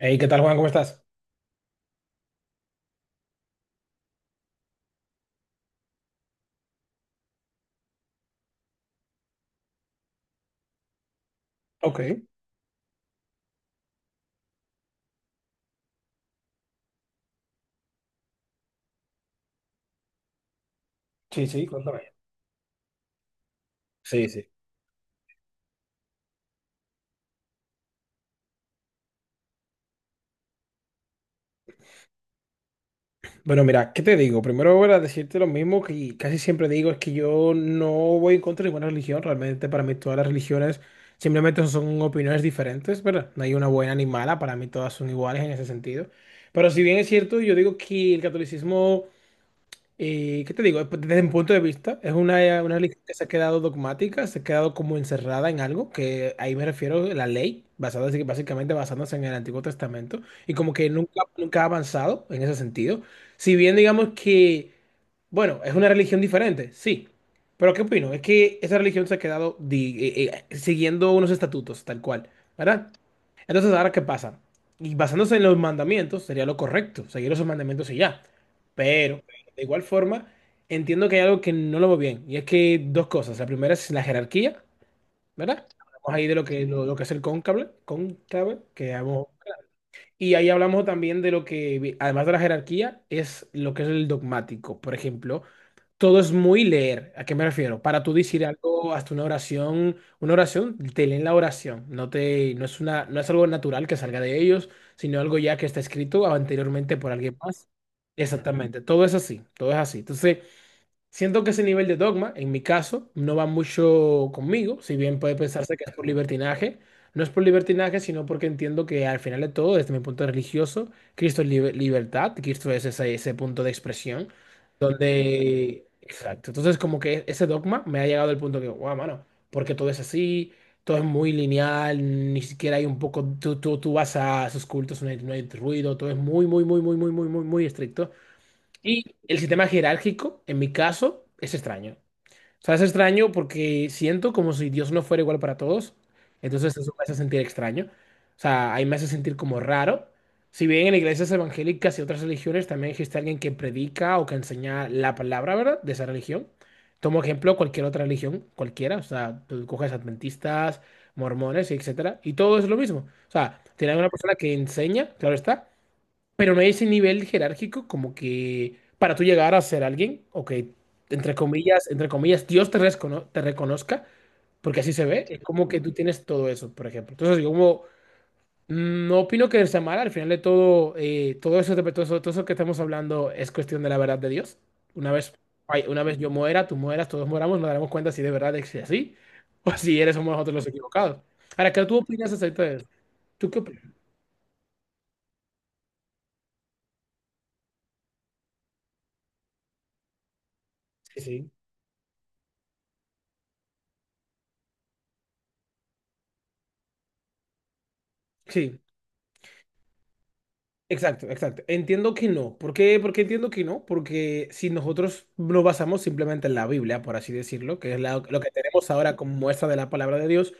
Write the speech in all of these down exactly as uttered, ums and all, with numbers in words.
Hey, ¿qué tal, Juan? ¿Cómo estás? Ok, sí, sí, cuéntame. Sí, sí. Bueno, mira, ¿qué te digo? Primero voy a decirte lo mismo que casi siempre digo, es que yo no voy en contra de ninguna religión. Realmente para mí todas las religiones simplemente son opiniones diferentes, ¿verdad? No hay una buena ni mala, para mí todas son iguales en ese sentido. Pero si bien es cierto, yo digo que el catolicismo. Y, ¿qué te digo? Pues, desde mi punto de vista, es una, una religión que se ha quedado dogmática, se ha quedado como encerrada en algo, que ahí me refiero a la ley, basada, así que básicamente basándose en el Antiguo Testamento, y como que nunca, nunca ha avanzado en ese sentido. Si bien digamos que bueno, es una religión diferente, sí. Pero ¿qué opino? Es que esa religión se ha quedado di- eh, eh, siguiendo unos estatutos, tal cual, ¿verdad? Entonces, ¿ahora qué pasa? Y basándose en los mandamientos, sería lo correcto, seguir esos mandamientos y ya. Pero, de igual forma, entiendo que hay algo que no lo veo bien. Y es que dos cosas. La primera es la jerarquía, ¿verdad? Hablamos ahí de lo que, lo, lo que es el cónclave, cónclave, que hablamos. Y ahí hablamos también de lo que, además de la jerarquía, es lo que es el dogmático. Por ejemplo, todo es muy leer. ¿A qué me refiero? Para tú decir algo, hasta una oración, una oración, te leen la oración. No te, no es una, no es algo natural que salga de ellos, sino algo ya que está escrito anteriormente por alguien más. Exactamente. Todo es así, todo es así. Entonces, siento que ese nivel de dogma, en mi caso, no va mucho conmigo, si bien puede pensarse que es por libertinaje. No es por libertinaje, sino porque entiendo que al final de todo, desde mi punto de religioso, Cristo es libe- libertad, Cristo es ese, ese punto de expresión, donde. Exacto. Entonces, como que ese dogma me ha llegado al punto que, wow, mano, porque todo es así, todo es muy lineal, ni siquiera hay un poco, tú, tú, tú vas a sus cultos, no hay, no hay ruido, todo es muy, muy, muy, muy, muy, muy, muy, muy estricto. Y el sistema jerárquico, en mi caso, es extraño. O sea, es extraño porque siento como si Dios no fuera igual para todos. Entonces eso me hace sentir extraño. O sea, ahí me hace sentir como raro. Si bien en iglesias evangélicas y otras religiones también existe alguien que predica o que enseña la palabra, ¿verdad? De esa religión. Tomo ejemplo cualquier otra religión, cualquiera. O sea, tú coges adventistas, mormones, etcétera. Y todo es lo mismo. O sea, tienen una persona que enseña, claro está, pero no hay ese nivel jerárquico como que para tú llegar a ser alguien o que, entre comillas, entre comillas, Dios te, recono- te reconozca, porque así se ve, es como que tú tienes todo eso, por ejemplo. Entonces, yo como mm, no opino que sea mal, al final de todo, eh, todo eso, todo eso, todo eso que estamos hablando es cuestión de la verdad de Dios. Una vez, ay, una vez yo muera, tú mueras, todos moramos, nos daremos cuenta si de verdad es así o si eres somos nosotros los equivocados. Ahora, ¿qué tú opinas acerca de eso? ¿Tú qué opinas? Sí, sí. Sí. Exacto, exacto. Entiendo que no. ¿Por qué? Porque entiendo que no. Porque si nosotros nos basamos simplemente en la Biblia, por así decirlo, que es la- lo que tenemos ahora como muestra de la palabra de Dios,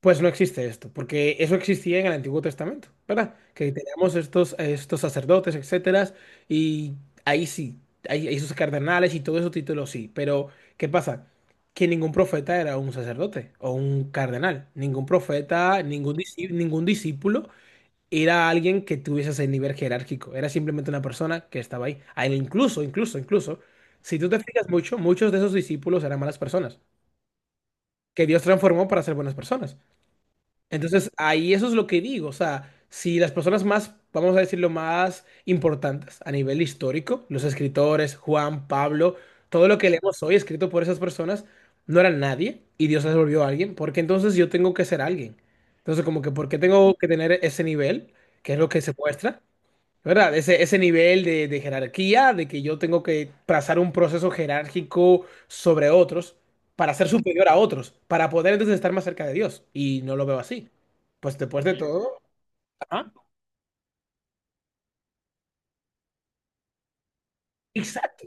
pues no existe esto. Porque eso existía en el Antiguo Testamento, ¿verdad? Que teníamos estos, estos sacerdotes, etcétera. Y ahí sí, hay hay sus cardenales y todo esos títulos sí. Pero, ¿qué pasa? Que ningún profeta era un sacerdote o un cardenal. Ningún profeta, ningún, disci- ningún discípulo era alguien que tuviese ese nivel jerárquico, era simplemente una persona que estaba ahí. A Incluso, incluso, incluso, si tú te fijas mucho, muchos de esos discípulos eran malas personas, que Dios transformó para ser buenas personas. Entonces, ahí eso es lo que digo, o sea, si las personas más, vamos a decirlo, más importantes a nivel histórico, los escritores, Juan, Pablo, todo lo que leemos hoy escrito por esas personas, no eran nadie y Dios les volvió a alguien, porque entonces yo tengo que ser alguien. Entonces, como que, ¿por qué tengo que tener ese nivel? Que es lo que se muestra, ¿verdad? Ese, ese nivel de, de jerarquía, de que yo tengo que trazar un proceso jerárquico sobre otros para ser superior a otros, para poder entonces estar más cerca de Dios. Y no lo veo así. Pues después de todo. Ajá. Exacto.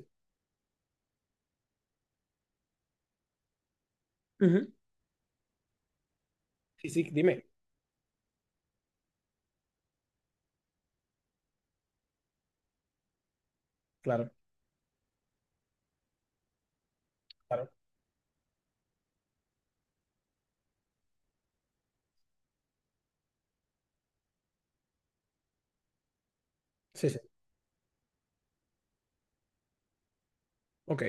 Ujú. Sí, sí, dime. Claro, claro. Sí, sí. Ok.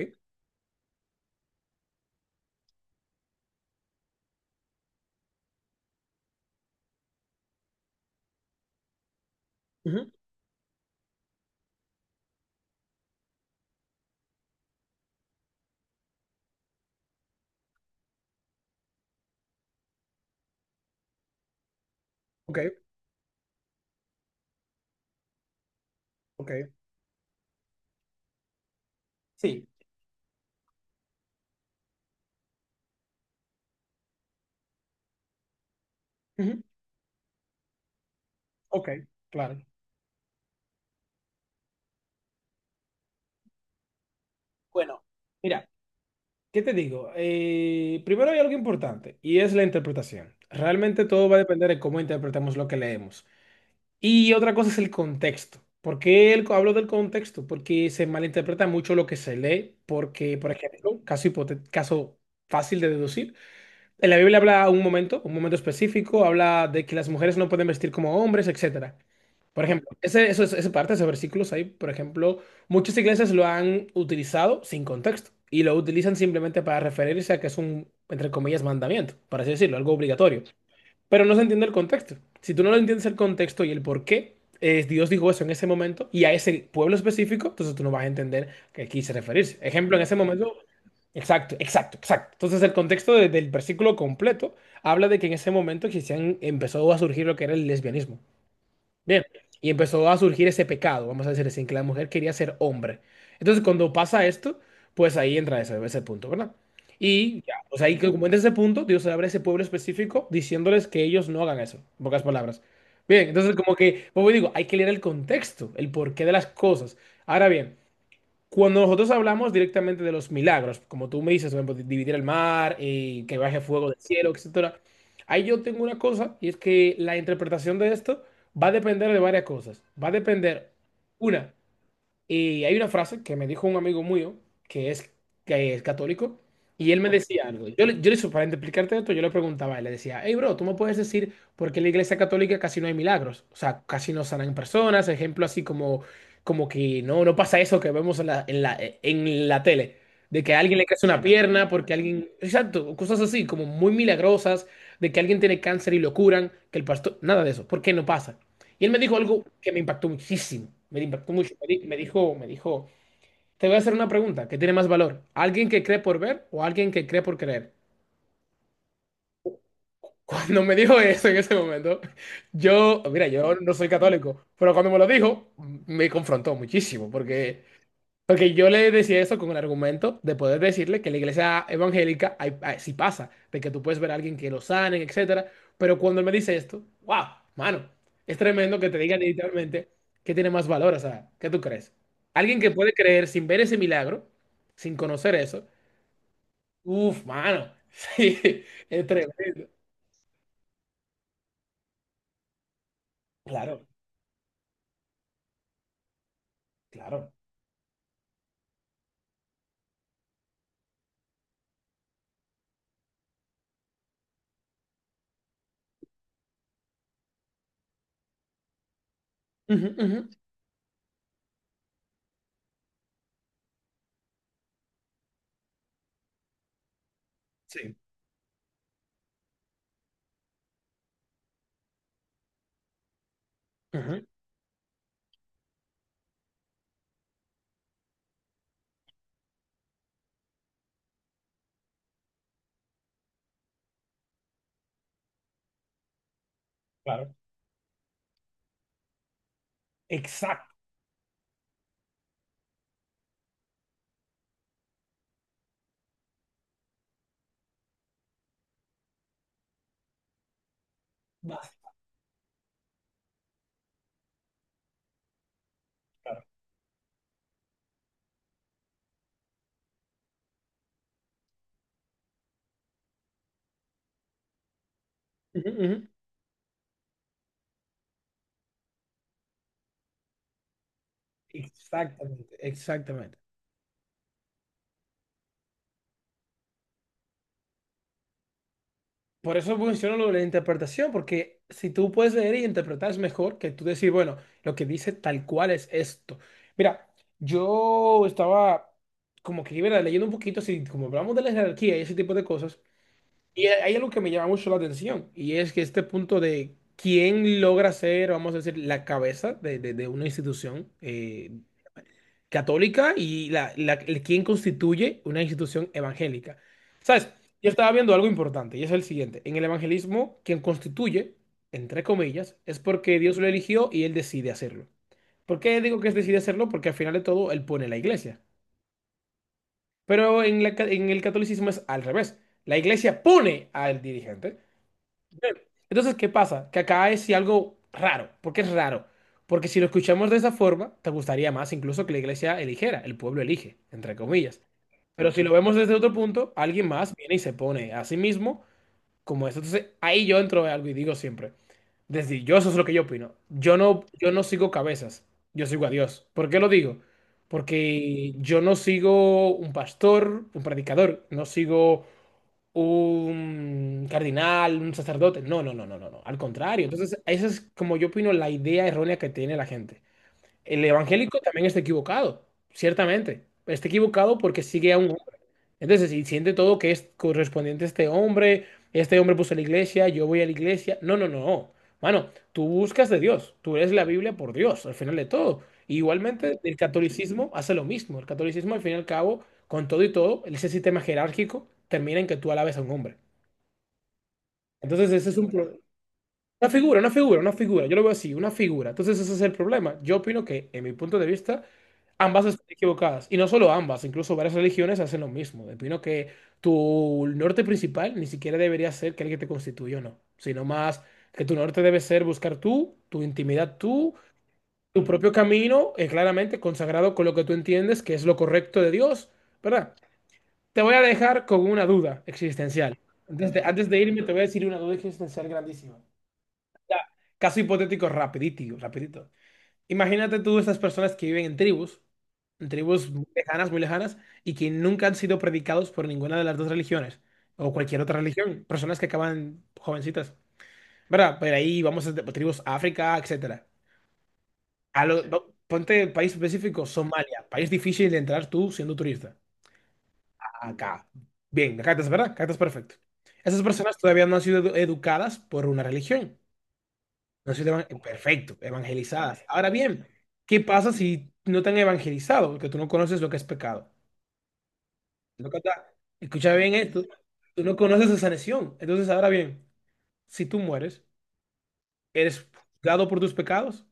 Ujú. Ok, ok. Sí. Ujú. Ok, claro. Bueno, mira, ¿qué te digo? Eh, primero hay algo importante y es la interpretación. Realmente todo va a depender de cómo interpretamos lo que leemos. Y otra cosa es el contexto. ¿Por qué el- hablo del contexto? Porque se malinterpreta mucho lo que se lee, porque, por ejemplo, caso, hipote- caso fácil de deducir, en la Biblia habla un momento, un momento específico, habla de que las mujeres no pueden vestir como hombres, etcétera. Por ejemplo, ese, eso, esa parte, esos versículos ahí, por ejemplo, muchas iglesias lo han utilizado sin contexto y lo utilizan simplemente para referirse a que es un, entre comillas, mandamiento, por así decirlo, algo obligatorio. Pero no se entiende el contexto. Si tú no lo entiendes el contexto y el por qué eh, Dios dijo eso en ese momento y a ese pueblo específico, entonces tú no vas a entender a qué quise referirse. Ejemplo, en ese momento, exacto, exacto, exacto. Entonces el contexto de- del versículo completo habla de que en ese momento existían, empezó a surgir lo que era el lesbianismo. Bien, y empezó a surgir ese pecado, vamos a decir así, en que la mujer quería ser hombre. Entonces, cuando pasa esto, pues ahí entra ese, ese punto, ¿verdad? Y ya, pues ahí, que como entra ese punto, Dios se abre a ese pueblo específico diciéndoles que ellos no hagan eso, en pocas palabras. Bien, entonces como que, como digo, hay que leer el contexto, el porqué de las cosas. Ahora bien, cuando nosotros hablamos directamente de los milagros, como tú me dices, por ejemplo, dividir el mar, eh, que baje fuego del cielo, etcétera, ahí yo tengo una cosa y es que la interpretación de esto va a depender de varias cosas. Va a depender, una, y hay una frase que me dijo un amigo mío que es, que es católico y él me decía algo. Yo, le- yo le, para explicarte esto, yo le preguntaba, y le decía, hey bro, tú me puedes decir por qué en la iglesia católica casi no hay milagros, o sea, casi no sanan personas, ejemplo así como, como que no, no pasa eso que vemos en la, en la, en la, tele, de que a alguien le crece una pierna, porque alguien, exacto, cosas así como muy milagrosas, de que alguien tiene cáncer y lo curan, que el pastor, nada de eso, ¿por qué no pasa? Y él me dijo algo que me impactó muchísimo, me impactó mucho. Me di- me dijo, me dijo, te voy a hacer una pregunta, ¿qué tiene más valor? ¿Alguien que cree por ver o alguien que cree por creer? Cuando me dijo eso en ese momento, yo, mira, yo no soy católico, pero cuando me lo dijo, me confrontó muchísimo, porque Porque yo le decía eso con el argumento de poder decirle que en la iglesia evangélica hay, hay- sí pasa, de que tú puedes ver a alguien que lo sanen, etcétera. Pero cuando él me dice esto, wow, mano, es tremendo que te digan literalmente que tiene más valor. O sea, ¿qué tú crees? Alguien que puede creer sin ver ese milagro, sin conocer eso, uff, mano, sí, es tremendo. Claro, claro. Ujú, ujú, sí, ujú, claro. Exacto. Vas. Ujú, ujú, exactamente, exactamente. Por eso menciono lo de la interpretación, porque si tú puedes leer y interpretar es mejor que tú decir, bueno, lo que dice tal cual es esto. Mira, yo estaba como que ¿verdad? Leyendo un poquito, si como hablamos de la jerarquía y ese tipo de cosas, y hay algo que me llama mucho la atención, y es que este punto de quién logra ser, vamos a decir, la cabeza de, de- de una institución, eh, católica y la, la- quien constituye una institución evangélica. ¿Sabes? Yo estaba viendo algo importante y es el siguiente. En el evangelismo, quien constituye, entre comillas, es porque Dios lo eligió y él decide hacerlo. ¿Por qué digo que es decide hacerlo? Porque al final de todo él pone la iglesia. Pero en la ca- en el catolicismo es al revés. La iglesia pone al dirigente. Entonces, ¿qué pasa? Que acá es sí algo raro. ¿Por qué es raro? Porque si lo escuchamos de esa forma, te gustaría más incluso que la iglesia eligiera, el pueblo elige, entre comillas. Pero si lo vemos desde otro punto, alguien más viene y se pone a sí mismo como eso. Entonces, ahí yo entro en algo y digo siempre, desde yo eso es lo que yo opino. Yo no, yo no sigo cabezas, yo sigo a Dios. ¿Por qué lo digo? Porque yo no sigo un pastor, un predicador, no sigo un cardinal, un sacerdote. No, no, no, no, no, no. Al contrario. Entonces, esa es como yo opino la idea errónea que tiene la gente. El evangélico también está equivocado, ciertamente. Está equivocado porque sigue a un. Entonces, si siente todo que es correspondiente a este hombre, este hombre puso la iglesia, yo voy a la iglesia. No, no, no, no. Mano, tú buscas de Dios, tú eres la Biblia por Dios, al final de todo. Igualmente, el catolicismo hace lo mismo. El catolicismo, al fin y al cabo, con todo y todo, ese sistema jerárquico termina en que tú alabes a un hombre. Entonces, ese es un problema. Una figura, una figura, una figura. Yo lo veo así, una figura. Entonces ese es el problema. Yo opino que, en mi punto de vista, ambas están equivocadas. Y no solo ambas, incluso varias religiones hacen lo mismo. Opino que tu norte principal ni siquiera debería ser que el que te constituyó, no. Sino más que tu norte debe ser buscar tú, tu intimidad tú, tu propio camino, eh, claramente consagrado con lo que tú entiendes que es lo correcto de Dios, ¿verdad? Te voy a dejar con una duda existencial. Antes de, antes de irme, te voy a decir una duda existencial grandísima. Caso hipotético rapidito, rapidito. Imagínate tú esas personas que viven en tribus, en tribus muy lejanas, muy lejanas, y que nunca han sido predicados por ninguna de las dos religiones, o cualquier otra religión, personas que acaban jovencitas. ¿Verdad? Pero ahí vamos a tribus África, etcétera. A lo- va- ponte país específico, Somalia, país difícil de entrar tú siendo turista. Acá. Bien, acá estás, ¿verdad? Acá estás perfecto. Esas personas todavía no han sido edu- educadas por una religión. No se evan- Perfecto, evangelizadas. Ahora bien, ¿qué pasa si no te han evangelizado? Porque tú no conoces lo que es pecado. Lo que está- Escucha bien esto. Tú no conoces esa sanción. Entonces, ahora bien, si tú mueres, eres dado por tus pecados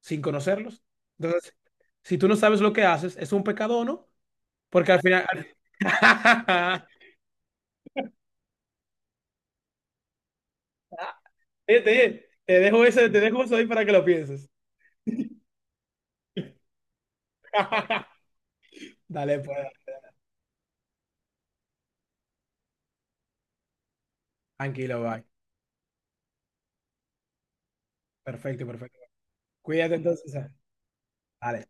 sin conocerlos. Entonces, si tú no sabes lo que haces, ¿es un pecado o no? Porque al final, al- Oye, te, te dejo eso, te dejo eso ahí para que lo pienses. Dale, pues. Tranquilo, bye. Perfecto, perfecto. Cuídate entonces. Ah, dale.